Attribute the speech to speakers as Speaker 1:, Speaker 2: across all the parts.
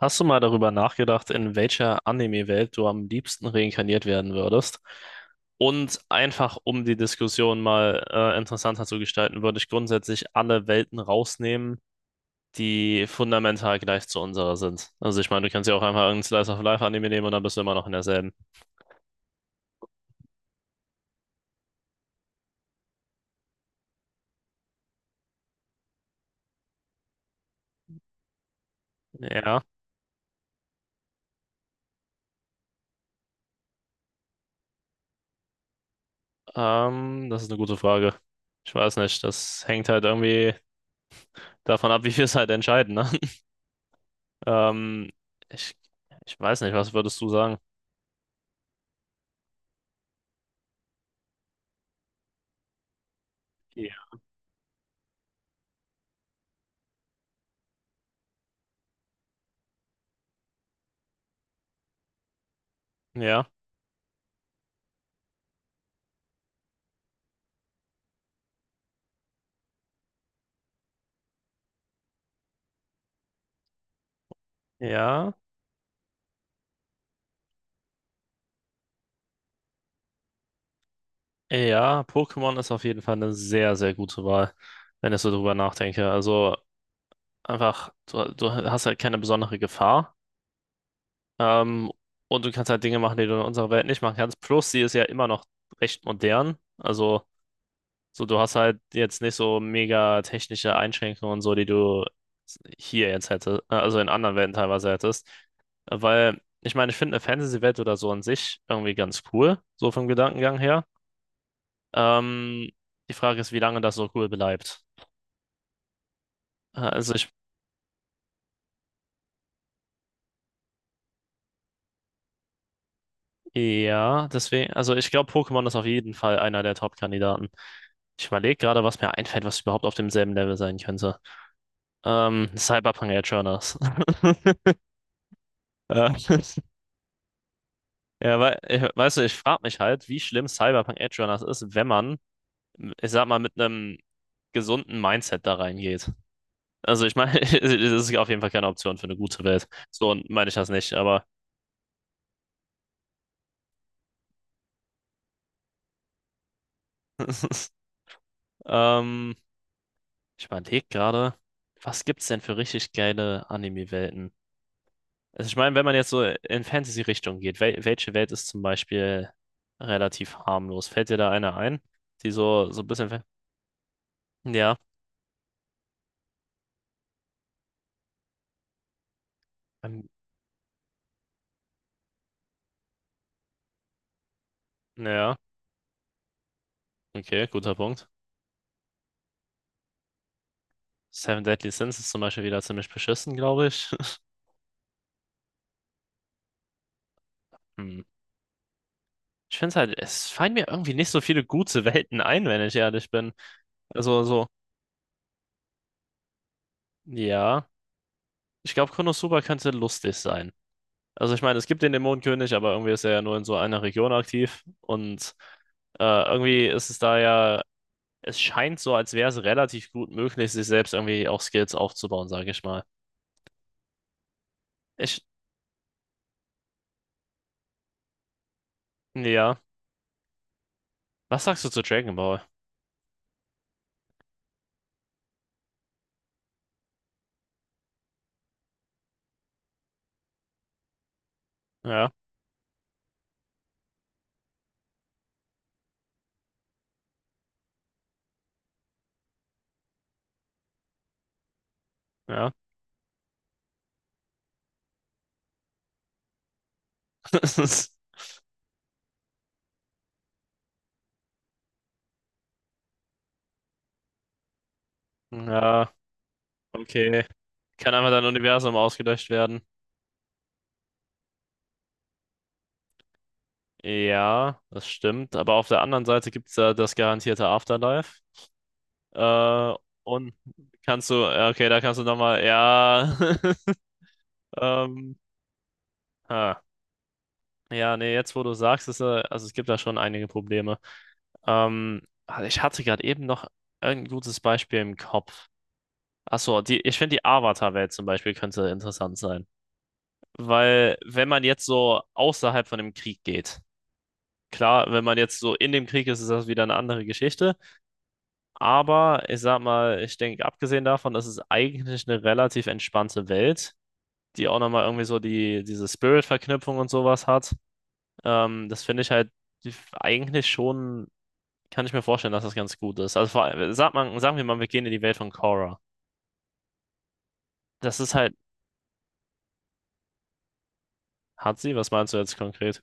Speaker 1: Hast du mal darüber nachgedacht, in welcher Anime-Welt du am liebsten reinkarniert werden würdest? Und einfach, um die Diskussion mal interessanter zu gestalten, würde ich grundsätzlich alle Welten rausnehmen, die fundamental gleich zu unserer sind. Also ich meine, du kannst ja auch einfach irgendeinen Slice of Life-Anime nehmen und dann bist du immer noch in derselben. Ja, das ist eine gute Frage. Ich weiß nicht, das hängt halt irgendwie davon ab, wie wir es halt entscheiden, ne? Ähm, ich, ich weiß nicht, was würdest du sagen? Ja. Ja, ja. Ja, Pokémon ist auf jeden Fall eine sehr, sehr gute Wahl, wenn ich so drüber nachdenke. Also einfach, du hast halt keine besondere Gefahr. Ähm, und du kannst halt Dinge machen, die du in unserer Welt nicht machen kannst. Plus, sie ist ja immer noch recht modern. Also, so du hast halt jetzt nicht so mega technische Einschränkungen und so, die du hier jetzt hättest, also in anderen Welten teilweise hättest. Weil, ich meine, ich finde eine Fantasy-Welt oder so an sich irgendwie ganz cool, so vom Gedankengang her. Ähm, die Frage ist, wie lange das so cool bleibt. Äh, Also ich, ja, deswegen, also ich glaube, Pokémon ist auf jeden Fall einer der Top-Kandidaten. Ich überlege gerade, was mir einfällt, was überhaupt auf demselben Level sein könnte. Cyberpunk Edgerunners. Äh, Ja, weil, weißt du, ich frage mich halt, wie schlimm Cyberpunk Edgerunners ist, wenn man, ich sag mal, mit einem gesunden Mindset da reingeht. Also ich meine, es ist auf jeden Fall keine Option für eine gute Welt. So meine ich das nicht, aber ähm, Ich überlege gerade, was gibt's denn für richtig geile Anime-Welten? Also ich meine, wenn man jetzt so in Fantasy-Richtung geht, welche Welt ist zum Beispiel relativ harmlos? Fällt dir da eine ein, die so, so ein bisschen... Ja, ähm, ja, okay, guter Punkt. Seven Deadly Sins ist zum Beispiel wieder ziemlich beschissen, glaube ich. Hm. Ich finde es halt, es fallen mir irgendwie nicht so viele gute Welten ein, wenn ich ehrlich bin. Also so, ja, ich glaube, Konosuba könnte lustig sein. Also ich meine, es gibt den Dämonenkönig, aber irgendwie ist er ja nur in so einer Region aktiv. Und äh, irgendwie ist es da ja, es scheint so, als wäre es relativ gut möglich, sich selbst irgendwie auch Skills aufzubauen, sage ich mal. Ich, ja. Was sagst du zu Dragon Ball? Ja, ja. Ja, okay. Kann einfach dein Universum ausgelöscht werden. Ja, das stimmt. Aber auf der anderen Seite gibt es da das garantierte Afterlife. Äh, und kannst du, ja, okay, da kannst du nochmal, ja. Ähm, Ah, ja, nee, jetzt wo du sagst, also es gibt da schon einige Probleme. Also ich hatte gerade eben noch ein gutes Beispiel im Kopf. Achso, ich finde die Avatar-Welt zum Beispiel könnte interessant sein. Weil wenn man jetzt so außerhalb von dem Krieg geht, klar, wenn man jetzt so in dem Krieg ist, ist das wieder eine andere Geschichte. Aber ich sag mal, ich denke, abgesehen davon, das ist eigentlich eine relativ entspannte Welt, die auch nochmal irgendwie so diese Spirit-Verknüpfung und sowas hat. Das finde ich halt eigentlich schon, kann ich mir vorstellen, dass das ganz gut ist. Also vor allem, sag mal, sagen wir mal, wir gehen in die Welt von Korra. Das ist halt, hat sie, was meinst du jetzt konkret?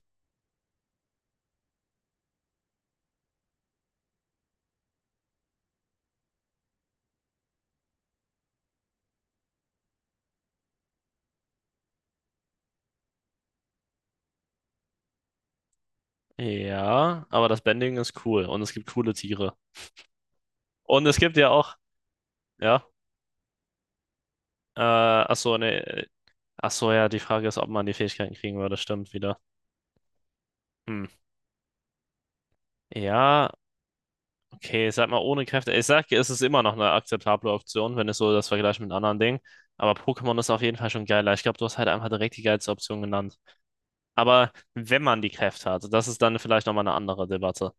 Speaker 1: Ja, aber das Bending ist cool und es gibt coole Tiere. Und es gibt ja auch, ja, ach so, ne, ach so, ja, die Frage ist, ob man die Fähigkeiten kriegen würde, stimmt wieder. Hm. Ja, okay, ich sag mal, ohne Kräfte, ich sag, es ist immer noch eine akzeptable Option, wenn es so das vergleicht mit anderen Dingen. Aber Pokémon ist auf jeden Fall schon geiler. Ich glaube, du hast halt einfach direkt die geilste Option genannt. Aber wenn man die Kräfte hat, das ist dann vielleicht nochmal eine andere Debatte.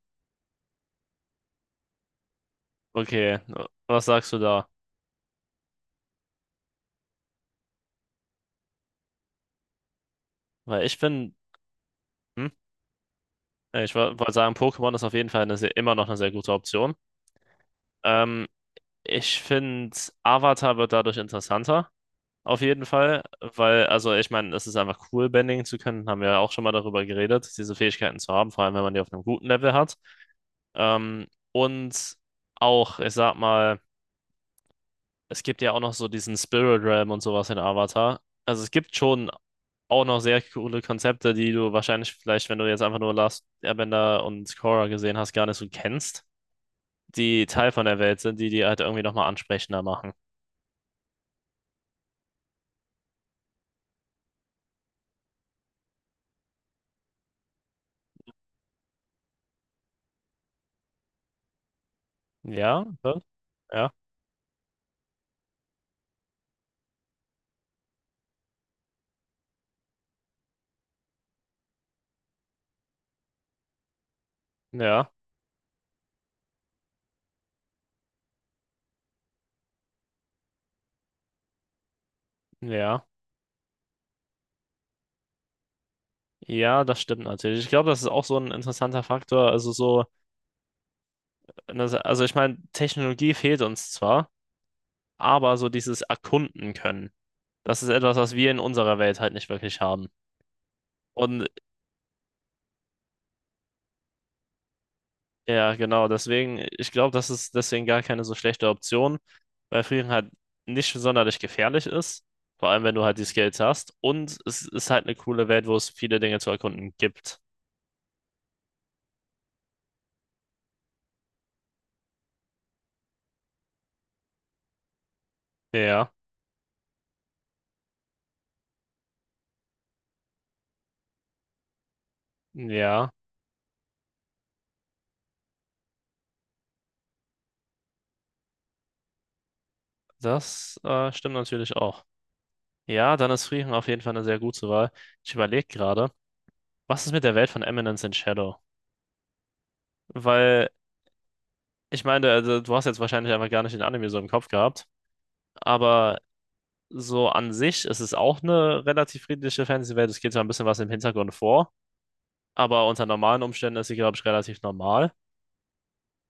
Speaker 1: Okay, was sagst du da? Weil ich bin, hm, ich wo- wollte sagen, Pokémon ist auf jeden Fall eine sehr, immer noch eine sehr gute Option. Ähm, ich finde, Avatar wird dadurch interessanter, auf jeden Fall, weil, also ich meine, es ist einfach cool, Bending zu können, haben wir ja auch schon mal darüber geredet, diese Fähigkeiten zu haben, vor allem wenn man die auf einem guten Level hat. Und auch, ich sag mal, es gibt ja auch noch so diesen Spirit Realm und sowas in Avatar. Also es gibt schon auch noch sehr coole Konzepte, die du wahrscheinlich vielleicht, wenn du jetzt einfach nur Last Airbender und Korra gesehen hast, gar nicht so kennst, die Teil von der Welt sind, die halt irgendwie nochmal ansprechender machen. Ja, ja, ja, ja, ja. Ja, das stimmt natürlich. Ich glaube, das ist auch so ein interessanter Faktor. Also so, also ich meine, Technologie fehlt uns zwar, aber so dieses Erkunden können, das ist etwas, was wir in unserer Welt halt nicht wirklich haben. Und Ja, genau. Deswegen, ich glaube, das ist deswegen gar keine so schlechte Option, weil Frieren halt nicht sonderlich gefährlich ist. Vor allem, wenn du halt die Skills hast. Und es ist halt eine coole Welt, wo es viele Dinge zu erkunden gibt. Ja, ja, das stimmt natürlich auch. Ja, dann ist Frieren auf jeden Fall eine sehr gute Wahl. Ich überlege gerade, was ist mit der Welt von Eminence in Shadow? Weil, ich meine, also, du hast jetzt wahrscheinlich einfach gar nicht den Anime so im Kopf gehabt. Aber so an sich ist es auch eine relativ friedliche Fantasy-Welt. Es geht zwar ein bisschen was im Hintergrund vor, aber unter normalen Umständen ist sie, glaube ich, relativ normal.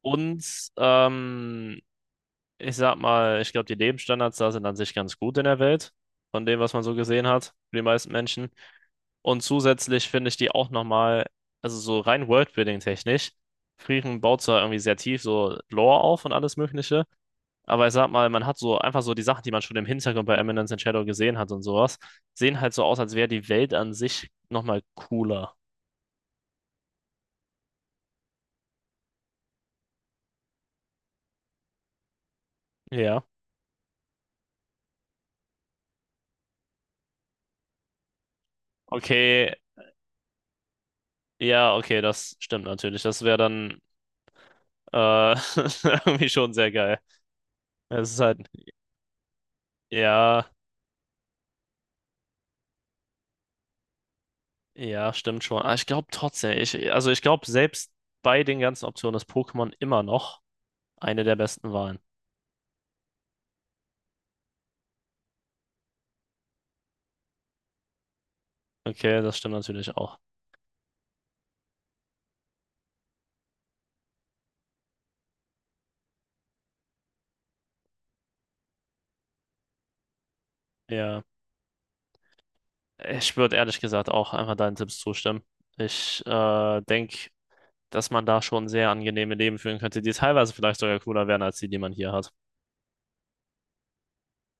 Speaker 1: Und ähm, ich sag mal, ich glaube, die Lebensstandards da sind an sich ganz gut in der Welt, von dem, was man so gesehen hat, für die meisten Menschen. Und zusätzlich finde ich die auch nochmal, also so rein Worldbuilding-technisch, Frieren baut zwar irgendwie sehr tief so Lore auf und alles Mögliche. Aber ich sag mal, man hat so einfach so die Sachen, die man schon im Hintergrund bei Eminence in Shadow gesehen hat und sowas, sehen halt so aus, als wäre die Welt an sich nochmal cooler. Ja. Okay, ja, okay, das stimmt natürlich. Das wäre dann äh, irgendwie schon sehr geil. Es ist halt, ja, ja, stimmt schon. Aber ich glaube trotzdem, also ich glaube, selbst bei den ganzen Optionen ist Pokémon immer noch eine der besten Wahlen. Okay, das stimmt natürlich auch. Ja. Ich würde ehrlich gesagt auch einfach deinen Tipps zustimmen. Ich denke, dass man da schon sehr angenehme Leben führen könnte, die teilweise vielleicht sogar cooler wären als die, die man hier hat.